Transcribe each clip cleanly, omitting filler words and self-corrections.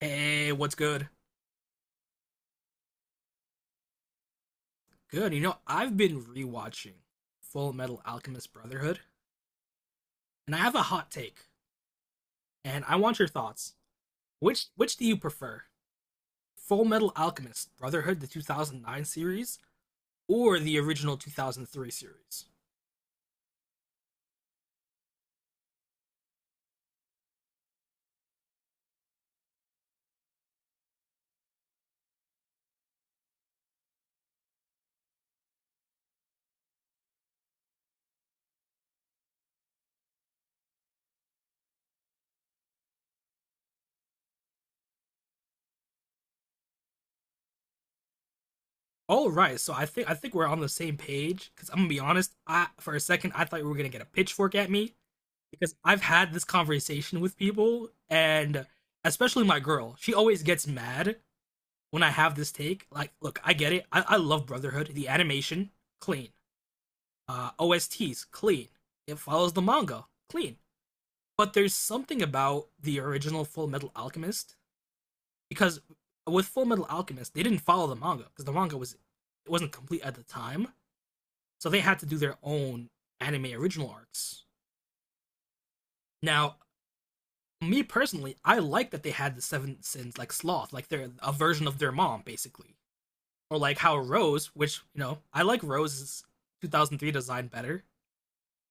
Hey, what's good? Good. You know, I've been rewatching Full Metal Alchemist Brotherhood, and I have a hot take, and I want your thoughts. Which do you prefer? Full Metal Alchemist Brotherhood, the 2009 series, or the original 2003 series? All right, so I think we're on the same page because I'm gonna be honest. I for a second I thought you were gonna get a pitchfork at me because I've had this conversation with people, and especially my girl. She always gets mad when I have this take, like, look, I get it. I love Brotherhood. The animation, clean. OSTs, clean. It follows the manga, clean. But there's something about the original Full Metal Alchemist because with Full Metal Alchemist, they didn't follow the manga because the manga was it wasn't complete at the time, so they had to do their own anime original arcs. Now, me personally, I like that they had the Seven Sins like Sloth, like they're a version of their mom, basically. Or like how Rose, which you know I like Rose's 2003 design better.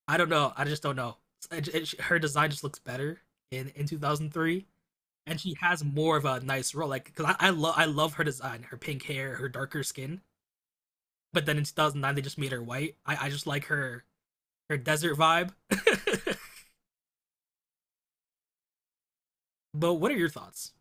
I don't know. I just don't know. Her design just looks better in 2003, and she has more of a nice role. Like because I love her design, her pink hair, her darker skin. But then in 2009 they just made her white. I just like her desert vibe. But what are your thoughts?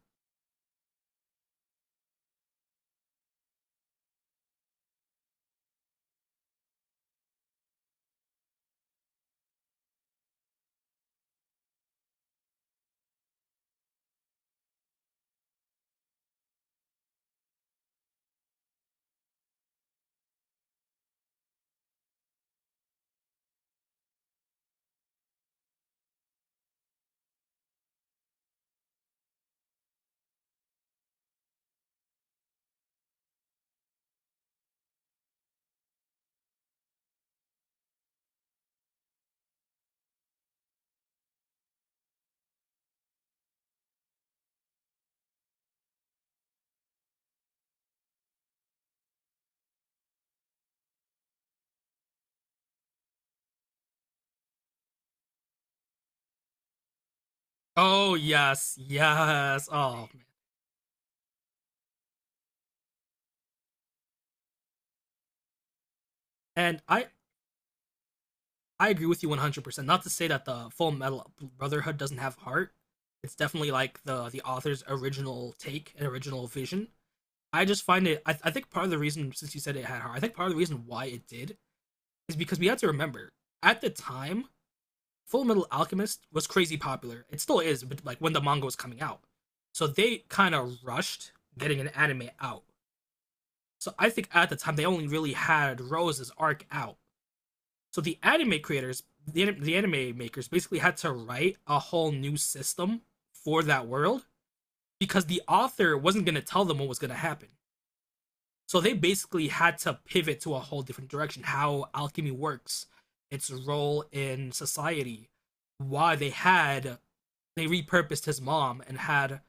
Oh yes, yes. Oh, man. And I agree with you 100%. Not to say that the Full Metal Brotherhood doesn't have heart. It's definitely like the author's original take and original vision. I just find it I think part of the reason since you said it had heart, I think part of the reason why it did is because we had to remember at the time Full Metal Alchemist was crazy popular. It still is, but like when the manga was coming out. So they kind of rushed getting an anime out. So I think at the time they only really had Rose's arc out. So the anime creators, the anime makers, basically had to write a whole new system for that world because the author wasn't going to tell them what was going to happen. So they basically had to pivot to a whole different direction how alchemy works, its role in society, why they had they repurposed his mom and had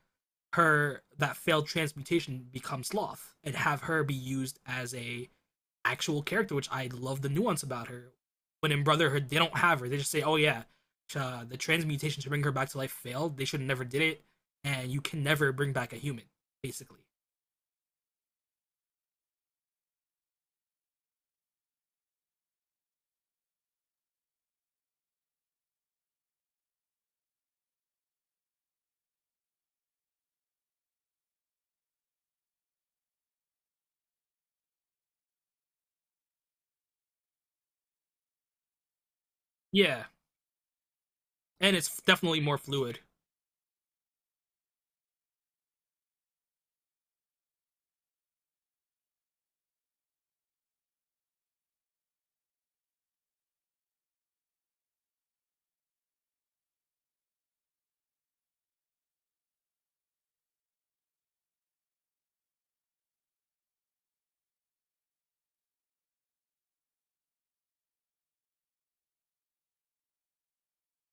her that failed transmutation become sloth and have her be used as a actual character, which I love the nuance about her. When in Brotherhood, they don't have her. They just say, "Oh yeah, the transmutation to bring her back to life failed. They should have never did it, and you can never bring back a human, basically." Yeah, and it's definitely more fluid.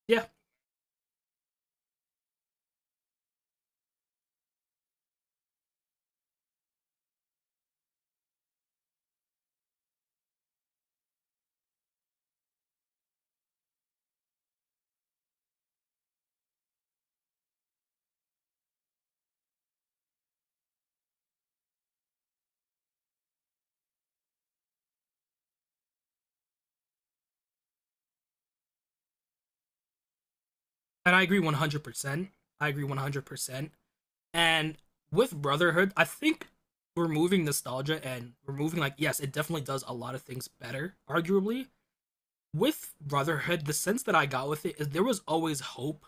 Yeah, and I agree 100%. I agree 100%. And with Brotherhood, I think removing nostalgia and removing like yes, it definitely does a lot of things better, arguably. With Brotherhood, the sense that I got with it is there was always hope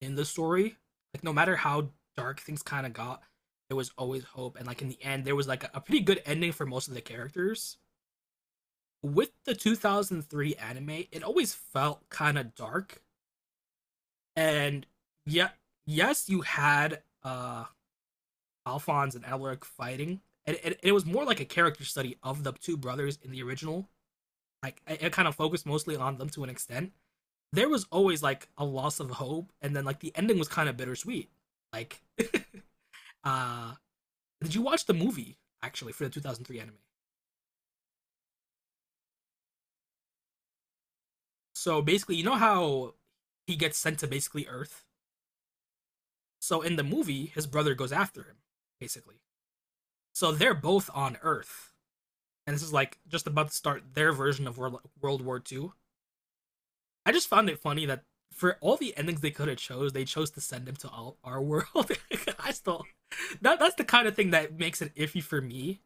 in the story. Like no matter how dark things kind of got, there was always hope. And like in the end, there was like a pretty good ending for most of the characters. With the 2003 anime, it always felt kind of dark. And yeah, yes, you had Alphonse and Alaric fighting, and it was more like a character study of the two brothers in the original. Like it kind of focused mostly on them to an extent there was always like a loss of hope, and then like the ending was kind of bittersweet. Like, uh, did you watch the movie actually for the 2003 anime? So basically, you know how he gets sent to basically Earth. So in the movie, his brother goes after him, basically. So they're both on Earth, and this is like just about to start their version of World War II. I just found it funny that for all the endings they could have chose, they chose to send him to all, our world. I still that that's the kind of thing that makes it iffy for me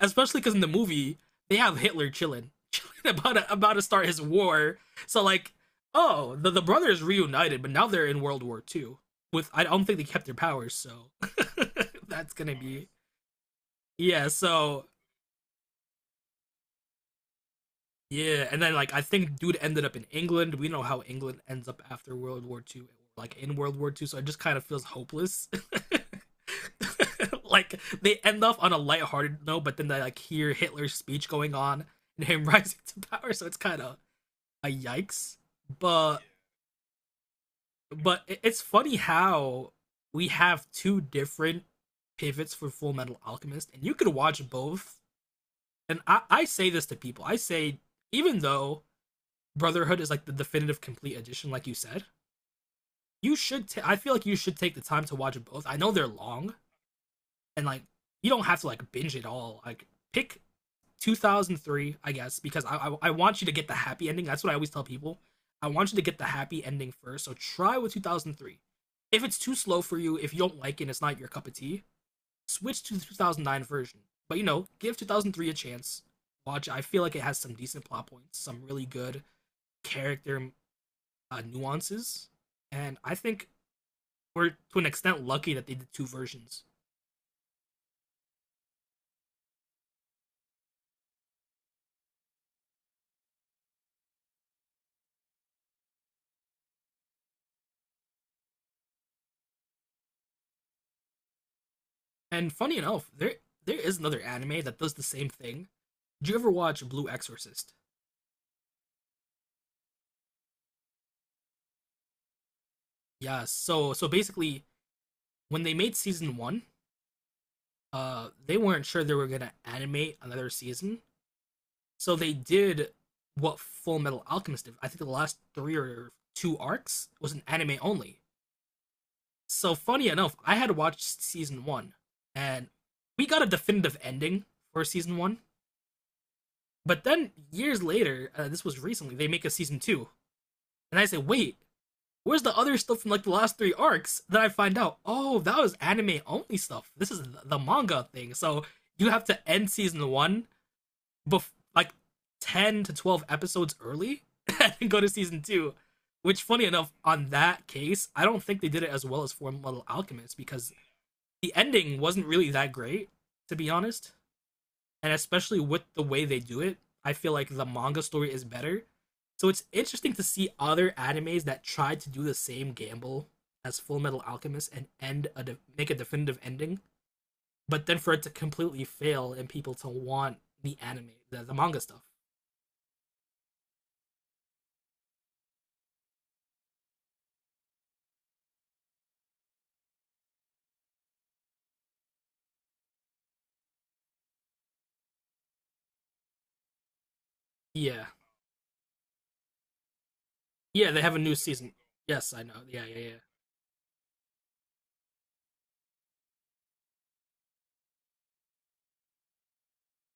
especially because in the movie they have Hitler chilling, chilling about to start his war. So like, oh, the brothers reunited, but now they're in World War II. With I don't think they kept their powers, so that's gonna be yeah. So yeah, and then like I think dude ended up in England. We know how England ends up after World War II, like in World War II. So it just kind of feels hopeless. Like they end off on a lighthearted note, but then they like hear Hitler's speech going on and him rising to power. So it's kind of a yikes. But but it's funny how we have two different pivots for Full Metal Alchemist, and you could watch both. And I say this to people. I say even though Brotherhood is like the definitive complete edition, like you said, you should. Ta- I feel like you should take the time to watch both. I know they're long, and like you don't have to like binge it all. Like pick 2003, I guess, because I want you to get the happy ending. That's what I always tell people. I want you to get the happy ending first. So try with 2003. If it's too slow for you, if you don't like it, and it's not your cup of tea. Switch to the 2009 version. But you know, give 2003 a chance. Watch. I feel like it has some decent plot points, some really good character nuances, and I think we're to an extent lucky that they did two versions. And funny enough, there is another anime that does the same thing. Did you ever watch Blue Exorcist? Yeah. So so basically, when they made season one, they weren't sure they were gonna animate another season, so they did what Full Metal Alchemist did. I think the last three or two arcs was an anime only. So funny enough, I had watched season one, and we got a definitive ending for season one. But then years later, this was recently, they make a season two, and I say, wait, where's the other stuff from like the last three arcs? Then I find out, oh, that was anime only stuff. This is the manga thing. So you have to end season one, bef- like 10 to 12 episodes early, and go to season two. Which, funny enough, on that case, I don't think they did it as well as Full Metal Alchemist because the ending wasn't really that great, to be honest and especially with the way they do it, I feel like the manga story is better. So it's interesting to see other animes that tried to do the same gamble as Full Metal Alchemist and end make a definitive ending, but then for it to completely fail and people to want the anime, the manga stuff. Yeah, yeah, they have a new season. Yes, I know. Yeah, yeah, yeah.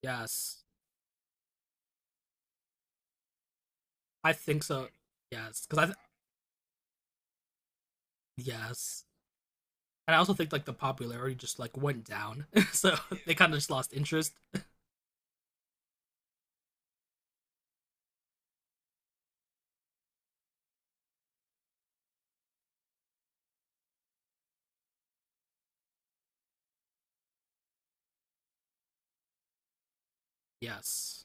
Yes, I think so. Yes, because yes, and I also think like the popularity just like went down, so they kind of just lost interest. Yes.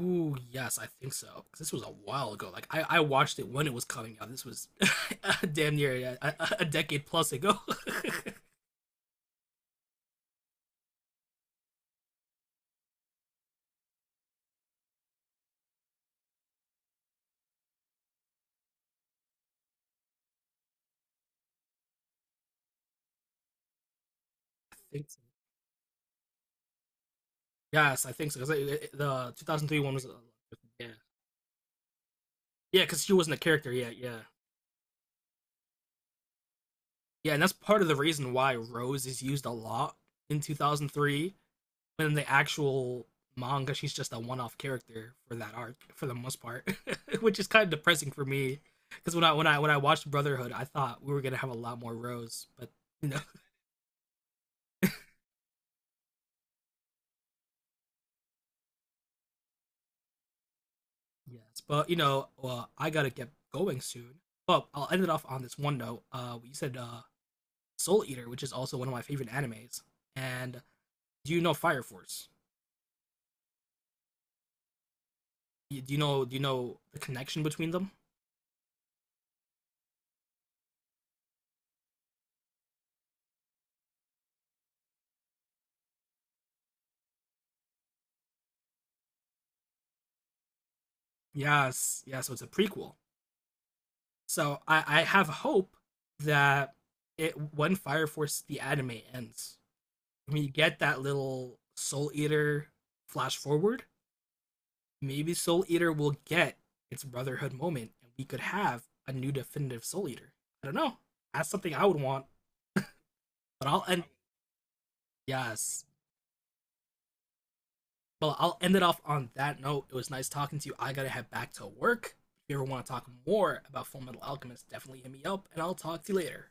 Ooh, yes, I think so. 'Cause this was a while ago. Like I watched it when it was coming out. This was damn near a decade plus ago. I think so. Yes, I think so. 'Cause the 2003 one was yeah, yeah, because she wasn't a character yet. Yeah, yeah, and that's part of the reason why Rose is used a lot in 2003. In the actual manga she's just a one-off character for that arc for the most part. Which is kind of depressing for me because when I watched Brotherhood I thought we were gonna have a lot more Rose but you know. Yes, but you know, well, I gotta get going soon but I'll end it off on this one note. You said Soul Eater, which is also one of my favorite animes, and do you know Fire Force? Do you know the connection between them? Yes, yeah, so it's a prequel. So I have hope that it when Fire Force the anime ends, when you get that little Soul Eater flash forward, maybe Soul Eater will get its brotherhood moment, and we could have a new definitive Soul Eater. I don't know. That's something I would want, but I'll end. Yes, well, I'll end it off on that note. It was nice talking to you. I gotta head back to work. If you ever want to talk more about Full Metal Alchemist, definitely hit me up, and I'll talk to you later.